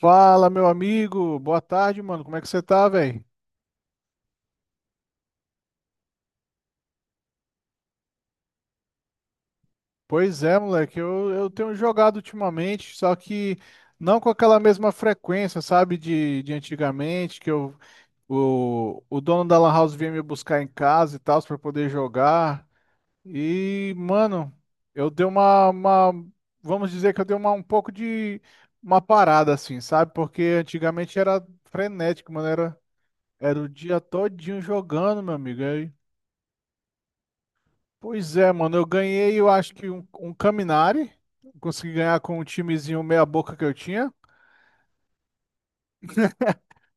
Fala, meu amigo. Boa tarde, mano. Como é que você tá, velho? Pois é, moleque. Eu tenho jogado ultimamente, só que não com aquela mesma frequência, sabe, de antigamente, que eu, o dono da Lan House vinha me buscar em casa e tal, pra poder jogar. E, mano, eu dei uma- vamos dizer que eu dei uma, um pouco de uma parada, assim, sabe? Porque antigamente era frenético, mano. Era, era o dia todinho jogando, meu amigo. Pois é, mano, eu ganhei, eu acho que um Caminari. Consegui ganhar com um timezinho meia boca que eu tinha.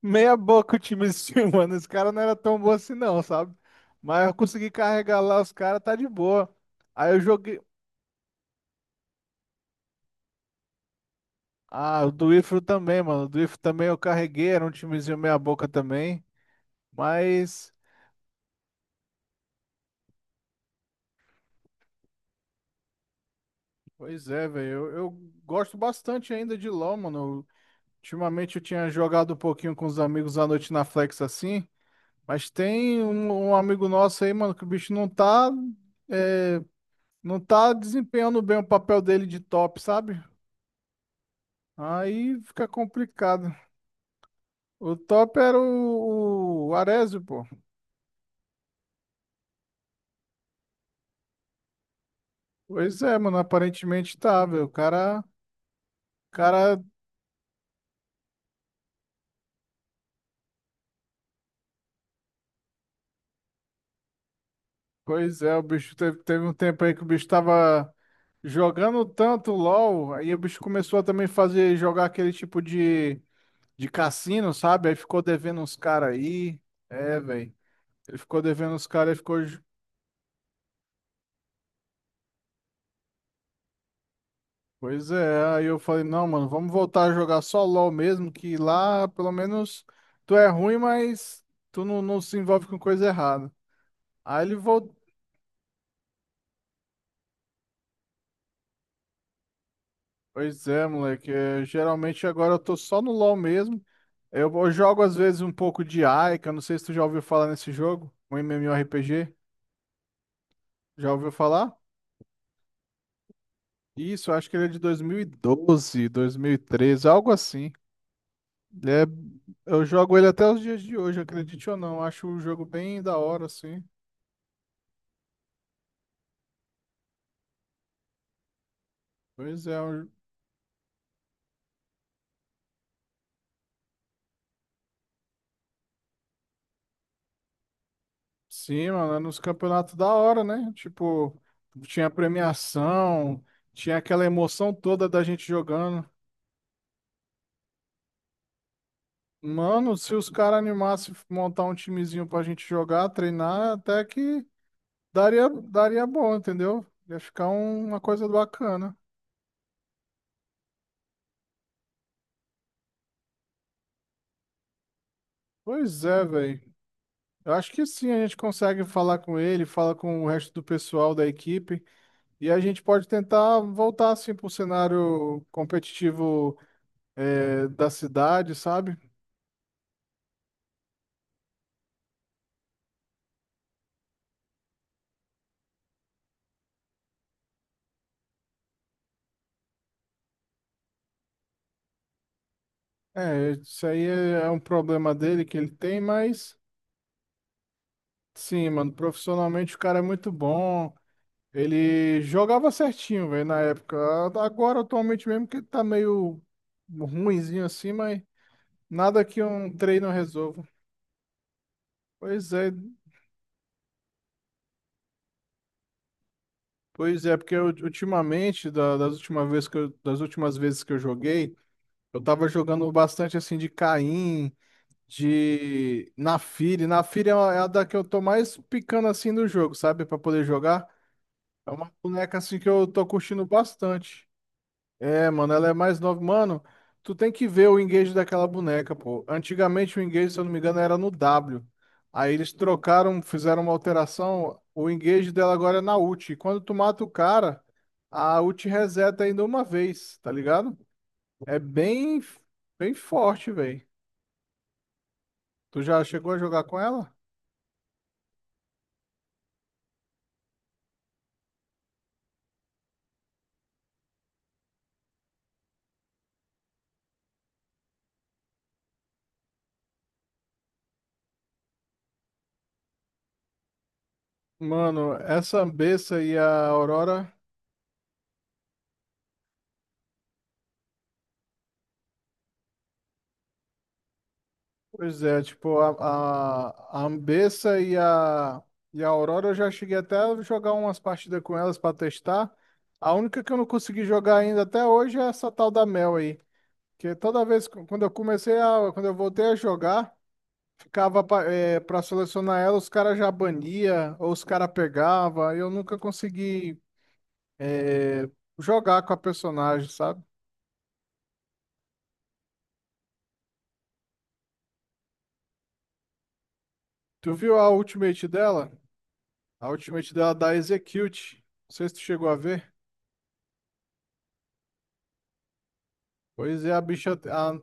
Meia boca o timezinho, mano. Esse cara não era tão bom assim não, sabe? Mas eu consegui carregar lá os caras, tá de boa. Aí eu joguei. Ah, o do Ifro também, mano. O do Ifro também eu carreguei, era um timezinho meia boca também. Mas, pois é, velho. Eu gosto bastante ainda de LoL, mano. Ultimamente eu tinha jogado um pouquinho com os amigos à noite na Flex assim. Mas tem um amigo nosso aí, mano, que o bicho não tá, é, não tá desempenhando bem o papel dele de top, sabe? Aí fica complicado. O top era o Arezzo, pô. Pois é, mano, aparentemente tá, velho. Cara, pois é, o bicho teve um tempo aí que o bicho tava jogando tanto LOL, aí o bicho começou a também fazer, jogar aquele tipo de cassino, sabe? Aí ficou devendo uns caras aí. É, velho. Ele ficou devendo os caras e ficou. Pois é, aí eu falei, não, mano, vamos voltar a jogar só LOL mesmo, que lá pelo menos tu é ruim, mas tu não, não se envolve com coisa errada. Aí ele voltou. Pois é, moleque, é, geralmente agora eu tô só no LOL mesmo. Eu jogo às vezes um pouco de Aika, não sei se tu já ouviu falar nesse jogo, um MMORPG. Já ouviu falar? Isso, eu acho que ele é de 2012, 2013, algo assim. É, eu jogo ele até os dias de hoje, acredite ou não. Acho o jogo bem da hora, assim. Pois é, um- sim, mano, é nos campeonatos da hora, né? Tipo, tinha premiação, tinha aquela emoção toda da gente jogando. Mano, se os caras animassem montar um timezinho pra gente jogar, treinar, até que daria, daria bom, entendeu? Ia ficar uma coisa bacana. Pois é, velho. Eu acho que sim, a gente consegue falar com ele, fala com o resto do pessoal da equipe. E a gente pode tentar voltar assim para o cenário competitivo da cidade, sabe? É, isso aí é um problema dele que ele tem, mas sim, mano, profissionalmente o cara é muito bom. Ele jogava certinho, velho, na época. Agora, atualmente mesmo, que ele tá meio ruinzinho assim, mas nada que um treino resolva. Pois é, pois é, porque ultimamente, das últimas vezes que eu, das últimas vezes que eu joguei, eu tava jogando bastante assim de Caim, de Naafiri. Naafiri é é a da que eu tô mais picando assim do jogo, sabe? Pra poder jogar. É uma boneca assim que eu tô curtindo bastante. É, mano, ela é mais nova. Mano, tu tem que ver o engage daquela boneca, pô. Antigamente o engage, se eu não me engano, era no W. Aí eles trocaram, fizeram uma alteração. O engage dela agora é na ult. E quando tu mata o cara, a ult reseta ainda uma vez, tá ligado? É bem, bem forte, velho. Tu já chegou a jogar com ela? Mano, essa Ambessa e a Aurora, pois é, tipo, a Ambessa e a Aurora eu já cheguei até a jogar umas partidas com elas pra testar. A única que eu não consegui jogar ainda até hoje é essa tal da Mel aí. Que toda vez, quando eu comecei a, quando eu voltei a jogar, ficava pra selecionar ela, os caras já bania, ou os caras pegava, e eu nunca consegui eh, jogar com a personagem, sabe? Tu viu a ultimate dela? A ultimate dela dá Execute. Não sei se tu chegou a ver. Pois é, a bicha. A-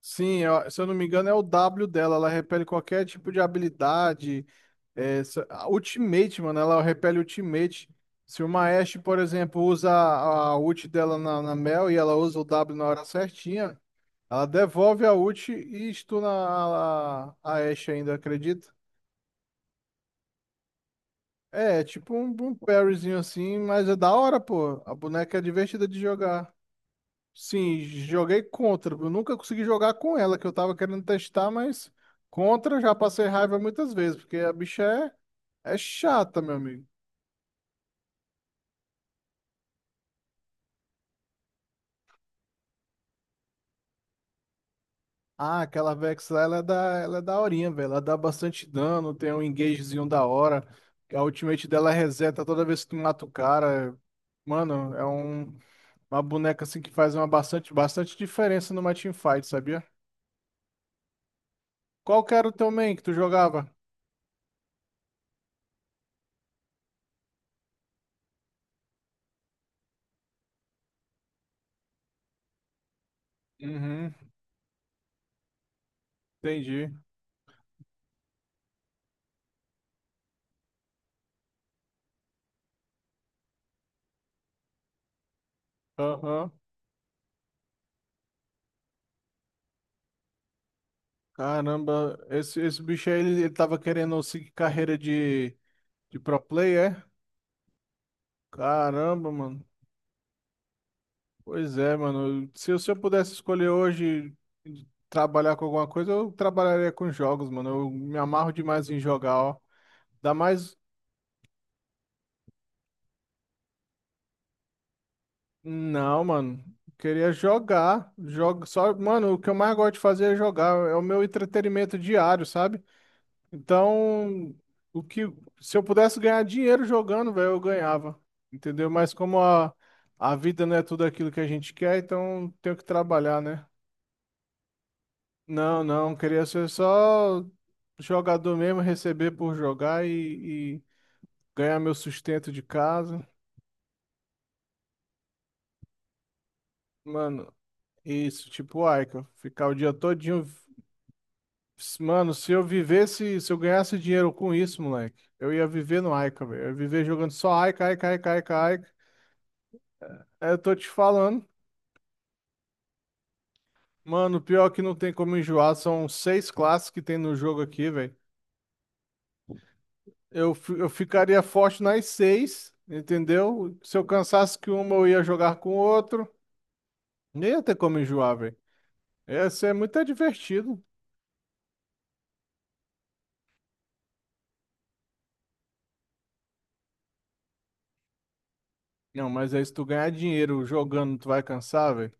Sim, se eu não me engano, é o W dela. Ela repele qualquer tipo de habilidade. É, a Ultimate, mano, ela repele Ultimate. Se uma Ashe, por exemplo, usa a ult dela na, na Mel e ela usa o W na hora certinha, ela devolve a ult e stuna a Ashe ainda, acredita? É, é tipo um parryzinho assim, mas é da hora, pô. A boneca é divertida de jogar. Sim, joguei contra. Eu nunca consegui jogar com ela, que eu tava querendo testar, mas contra eu já passei raiva muitas vezes, porque a bicha é chata, meu amigo. Ah, aquela Vex lá, ela é daorinha, velho. Ela dá bastante dano, tem um engagezinho da hora. A ultimate dela é reseta toda vez que tu mata o cara. Mano, uma boneca assim que faz uma bastante, bastante diferença numa teamfight, sabia? Qual que era o teu main que tu jogava? Uhum, entendi. Aham. Caramba, esse bicho aí, ele tava querendo seguir carreira de pro player, é? Caramba, mano. Pois é, mano. Se eu pudesse escolher hoje de trabalhar com alguma coisa, eu trabalharia com jogos, mano. Eu me amarro demais em jogar, ó. Dá mais. Não, mano. Queria jogar. Jogo só, mano, o que eu mais gosto de fazer é jogar. É o meu entretenimento diário, sabe? Então, o que se eu pudesse ganhar dinheiro jogando, velho, eu ganhava, entendeu? Mas como a vida não é tudo aquilo que a gente quer, então tenho que trabalhar, né? Não, não, queria ser só jogador mesmo, receber por jogar e ganhar meu sustento de casa. Mano, isso, tipo, o Aika, ficar o dia todinho. Mano, se eu vivesse, se eu ganhasse dinheiro com isso, moleque, eu ia viver no Aika, velho. Eu ia viver jogando só Aika, Aika, Aika, Aika, Aika. É, eu tô te falando. Mano, pior que não tem como enjoar, são seis classes que tem no jogo aqui, velho. Eu ficaria forte nas seis, entendeu? Se eu cansasse que uma, eu ia jogar com outro. Nem ia ter como enjoar, velho. Esse é muito divertido. Não, mas aí se tu ganhar dinheiro jogando, tu vai cansar, velho?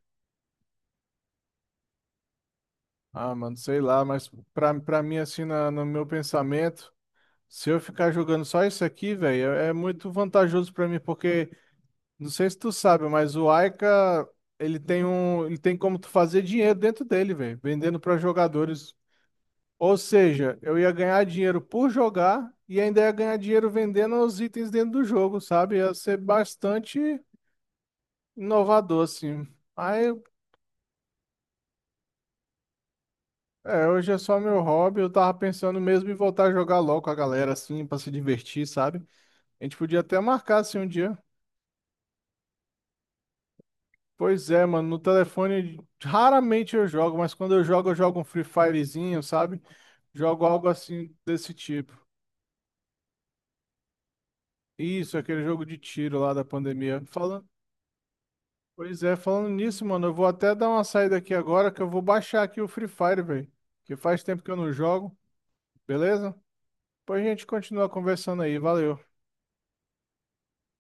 Ah, mano, sei lá, mas pra mim, assim, no meu pensamento, se eu ficar jogando só isso aqui, velho, é muito vantajoso pra mim, porque. Não sei se tu sabe, mas o Aika, ele tem como tu fazer dinheiro dentro dele, velho, vendendo para jogadores. Ou seja, eu ia ganhar dinheiro por jogar e ainda ia ganhar dinheiro vendendo os itens dentro do jogo, sabe? Ia ser bastante inovador, assim. Aí, é, hoje é só meu hobby, eu tava pensando mesmo em voltar a jogar LOL com a galera, assim, pra se divertir, sabe? A gente podia até marcar, assim, um dia. Pois é, mano, no telefone raramente eu jogo, mas quando eu jogo um Free Firezinho, sabe? Jogo algo assim desse tipo. Isso, aquele jogo de tiro lá da pandemia. Falando... Pois é, falando nisso, mano, eu vou até dar uma saída aqui agora que eu vou baixar aqui o Free Fire, velho. Que faz tempo que eu não jogo, beleza? Depois a gente continua conversando aí, valeu.